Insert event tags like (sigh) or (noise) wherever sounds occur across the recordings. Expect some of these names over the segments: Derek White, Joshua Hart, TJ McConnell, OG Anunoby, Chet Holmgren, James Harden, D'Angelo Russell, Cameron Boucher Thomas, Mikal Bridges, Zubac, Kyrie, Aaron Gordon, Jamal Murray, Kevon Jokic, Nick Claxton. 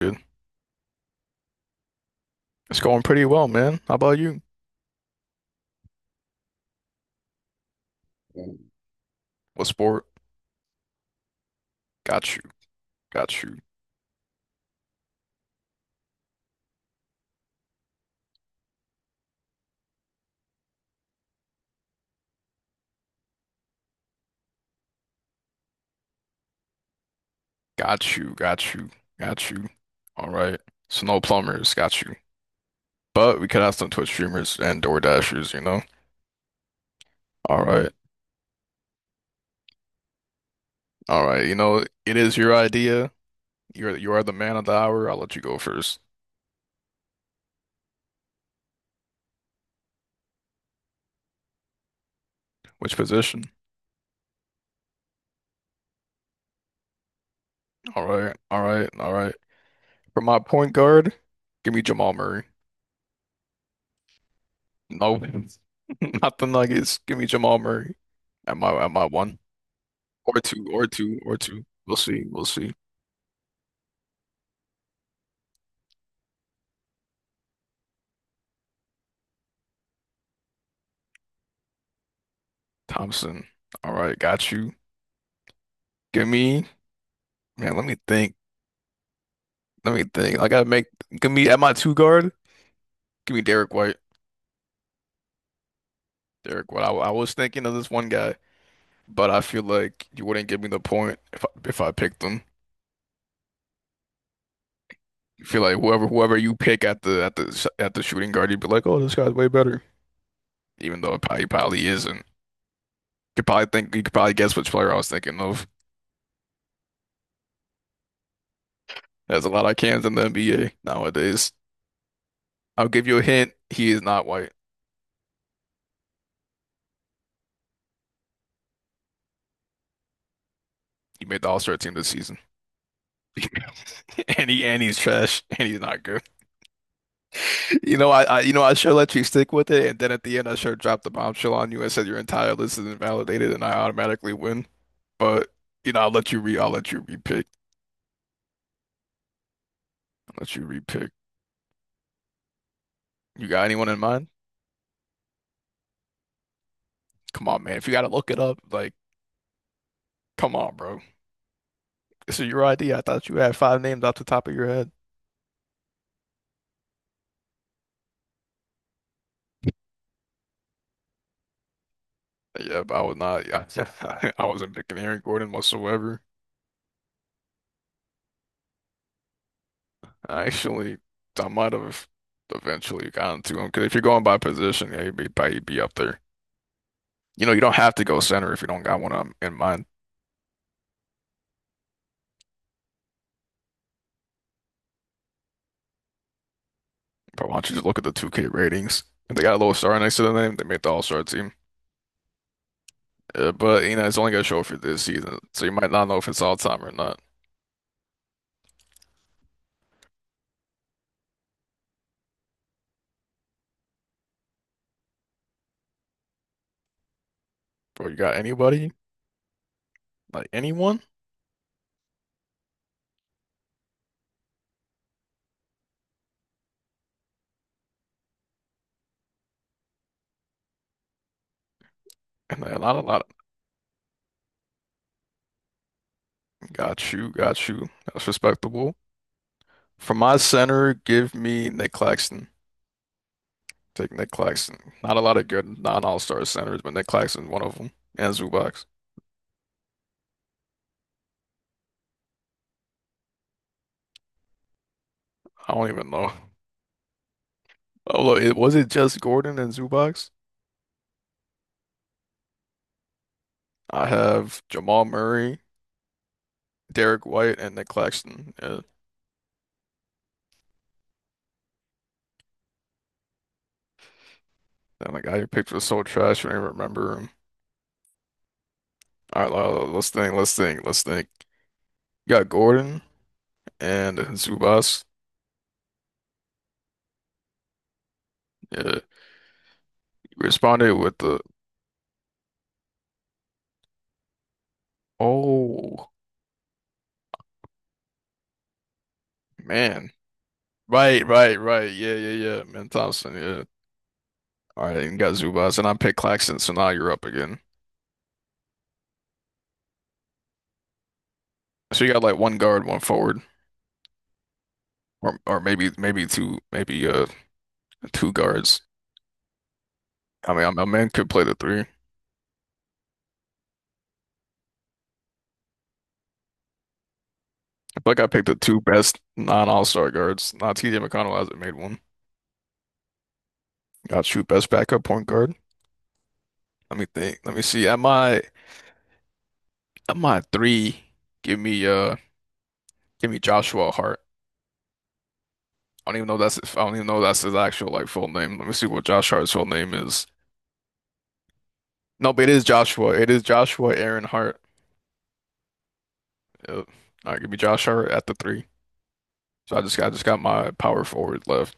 Good. It's going pretty well, man. How about you? What sport? Got you. Got you. Got you. Got you. Got you. All right. So no plumbers. Got you. But we could have some Twitch streamers and Door Dashers, All right. All right. You know, it is your idea. You are the man of the hour. I'll let you go first. Which position? All right. All right. All right. For my point guard, give me Jamal Murray. No, (laughs) not the Nuggets. Give me Jamal Murray at my one. Or two, or two, or two. We'll see. We'll see. Thompson. All right, got you. Give me, man, let me think. Let me think. I gotta make, give me at my two guard, give me Derek White. Derek White. I was thinking of this one guy, but I feel like you wouldn't give me the point if I picked him. You feel like whoever you pick at the at the shooting guard, you'd be like, oh, this guy's way better, even though it probably, he probably isn't. You could probably think you could probably guess which player I was thinking of. There's a lot of cans in the NBA nowadays. I'll give you a hint. He is not white. He made the All-Star team this season. (laughs) And he's trash and he's not good. You know, I I sure let you stick with it, and then at the end I sure dropped the bombshell on you and said your entire list is invalidated, and I automatically win. But you know, I'll let you re I'll let you repick. I'll let you repick. You got anyone in mind? Come on, man. If you gotta look it up, like, come on, bro. This is your idea. I thought you had five names off the top of your head. Yeah, but I was not. I, (laughs) I wasn't picking Aaron Gordon whatsoever. Actually, I might have eventually gotten to him because if you're going by position, yeah, he'd be, probably be up there. You know, you don't have to go center if you don't got one in mind. But why don't you just look at the 2K ratings? If they got a little star next to their name, they made the All-Star team. But you know, it's only gonna show for this season, so you might not know if it's all time or not. Bro, you got anybody? Like anyone? And a lot, Got you, got you. That's respectable. For my center, give me Nick Claxton. Take Nick Claxton. Not a lot of good non-all-star centers, but Nick Claxton one of them. And Zubox. I don't even know. Oh, look, it, was it just Gordon and Zubox? I have Jamal Murray, Derek White, and Nick Claxton. Yeah. Damn, the guy you picked was so trash, I don't even remember him. All right, well, let's think. You got Gordon and Zubox. Yeah, you responded with oh, man. Right, right, right. Yeah, yeah, yeah. Man Thompson, yeah. All right, and got Zubas, and I picked Claxton, so now you're up again. So you got like one guard, one forward, or or maybe two, maybe two guards. I mean, a man could play the three. I feel like I picked the two best non-all-star guards. Now TJ McConnell hasn't made one. Got shoot best backup point guard. Let me think. Let me see. At my three, give me uh give me Joshua Hart. I don't even know that's his actual like full name. Let me see what Josh Hart's full name is. No, but it is Joshua. It is Joshua Aaron Hart. Yep. All right, give me Josh Hart at the three. So I just got my power forward left.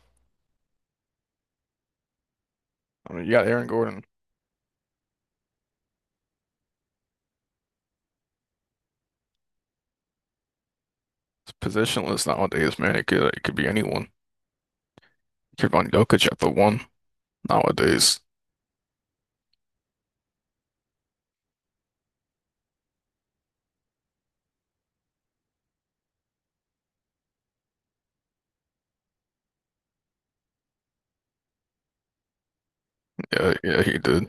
I mean, you got Aaron Gordon. It's positionless nowadays, man. It could be anyone. Kevon Jokic at the one nowadays. Yeah, yeah, he did.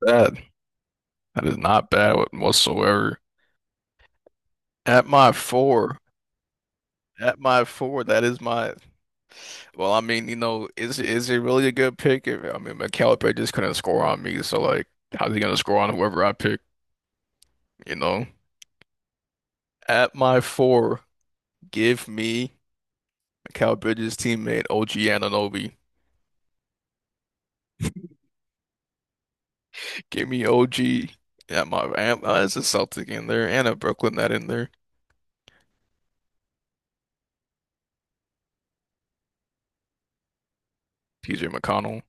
Bad. That is not bad whatsoever. At my four, at my four, that is my. Well, I mean, you know, is it really a good pick? If, I mean, McAllister just couldn't score on me, so like, how's he gonna score on whoever I pick? You know. At my four, give me Mikal Bridges' teammate OG Anunoby. Give me OG at my and, it's a Celtic in there and a Brooklyn net in there. TJ McConnell.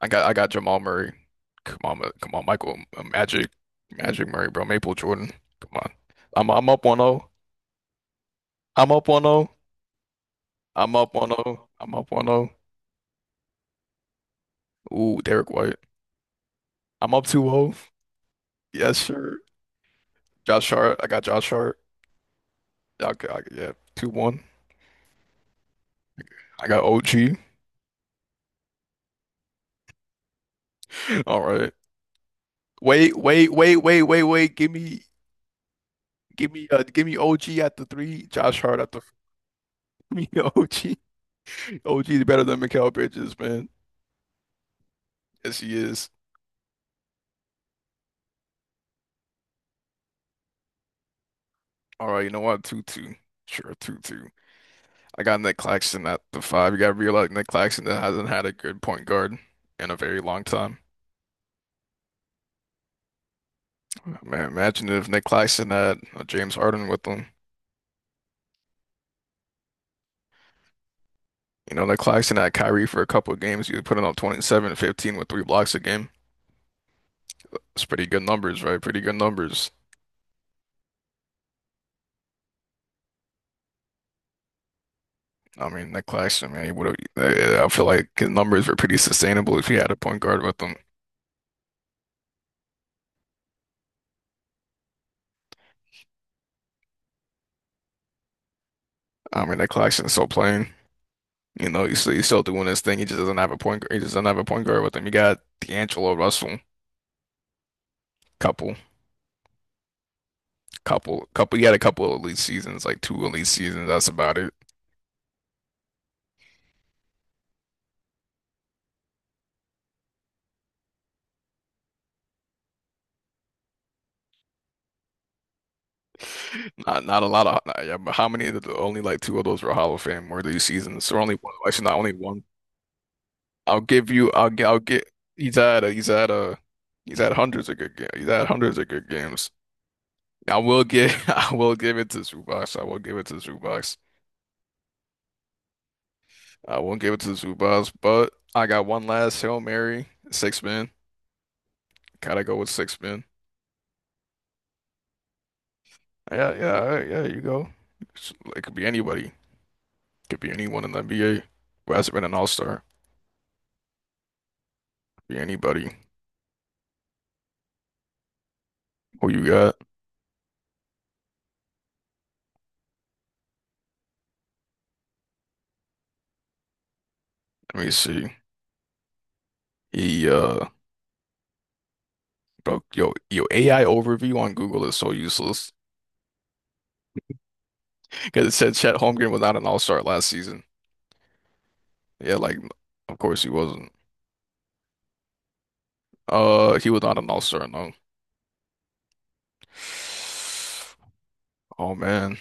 I got Jamal Murray. Come on, come on, Michael Magic, Magic Murray, bro. Maple Jordan. Come on. I'm up 1-0. I'm up 1-0. I'm up 1-0. I'm up 1-0. Ooh, Derek White. I'm up 2-0. Yes, sir. Josh Hart. I got Josh Hart. Yeah, 2-1. I got OG. (laughs) All right. Wait. Give me OG at the three. Josh Hart at the four. (laughs) Give me OG. OG is better than Mikal Bridges, man. Yes, he is. All right, you know what? Two two. Sure, two two. I got Nick Claxton at the five. You got to realize Nick Claxton hasn't had a good point guard in a very long time. Man, imagine if Nick Claxton had James Harden with him. You know, Nick Claxton had Kyrie for a couple of games. He was putting up 27 and 15 with three blocks a game. It's pretty good numbers, right? Pretty good numbers. I mean, Nick Claxton, man, he would have. I feel like his numbers were pretty sustainable if he had a point guard with him. I mean, Nick Claxton's so plain. You know, he's still doing his thing. He just doesn't have a point guard. He just doesn't have a point guard with him. You got D'Angelo Russell, couple, couple. He had a couple of elite seasons, like two elite seasons. That's about it. Not not a lot of. Not- Yeah, but how many? Of the, only like two of those were Hall of Fame worthy seasons. So only one. Actually, not only one. I'll give you. I'll get. I'll get. He's had a. He's had hundreds of good games. He's had hundreds of good games. I will give (laughs) I will give it to Zubac. I will give it to Zubac. I won't give it to Zubac, but I got one last Hail Mary, six men. Gotta go with six men. Yeah, yeah, all right, yeah, you go. It could be anybody. Could be anyone in the NBA who hasn't been an all-star. Be anybody. Who you got? Let me see. He bro, AI overview on Google is so useless. (laughs) Because it said Chet Holmgren was not an all-star last season. Yeah, like of course he wasn't. He was not an all-star, no. Oh man,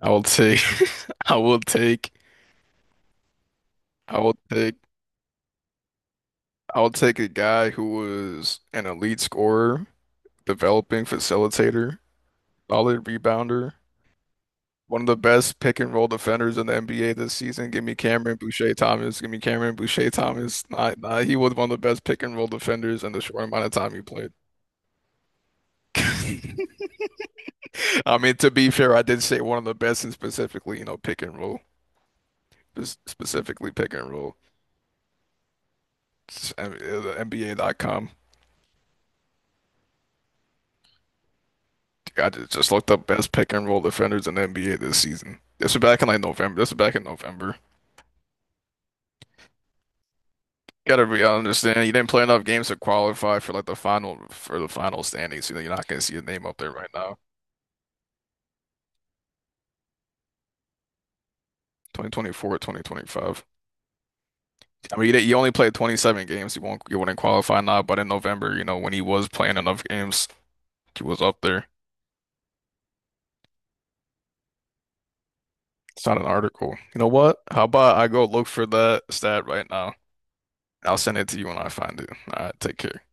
I will take, (laughs) I will take, I will take, I will take a guy who was an elite scorer, developing facilitator, solid rebounder, one of the best pick and roll defenders in the NBA this season. Give me Cameron Boucher Thomas. Give me Cameron Boucher Thomas. Nah, nah, he was one of the best pick and roll defenders in the short amount of time he played. (laughs) I mean, to be fair, I did say one of the best, and specifically, you know, pick and roll, just specifically pick and roll. It's NBA.com. I just looked up best pick and roll defenders in the NBA this season. This was back in like November. This was back in November. Gotta be, I understand you didn't play enough games to qualify for like the final standings. You know, you're not gonna see your name up there right now. 2024, 2025. I mean, you, you only played 27 games. You wouldn't qualify now, but in November, you know, when he was playing enough games, he was up there. It's not an article. You know what? How about I go look for that stat right now? I'll send it to you when I find it. All right, take care.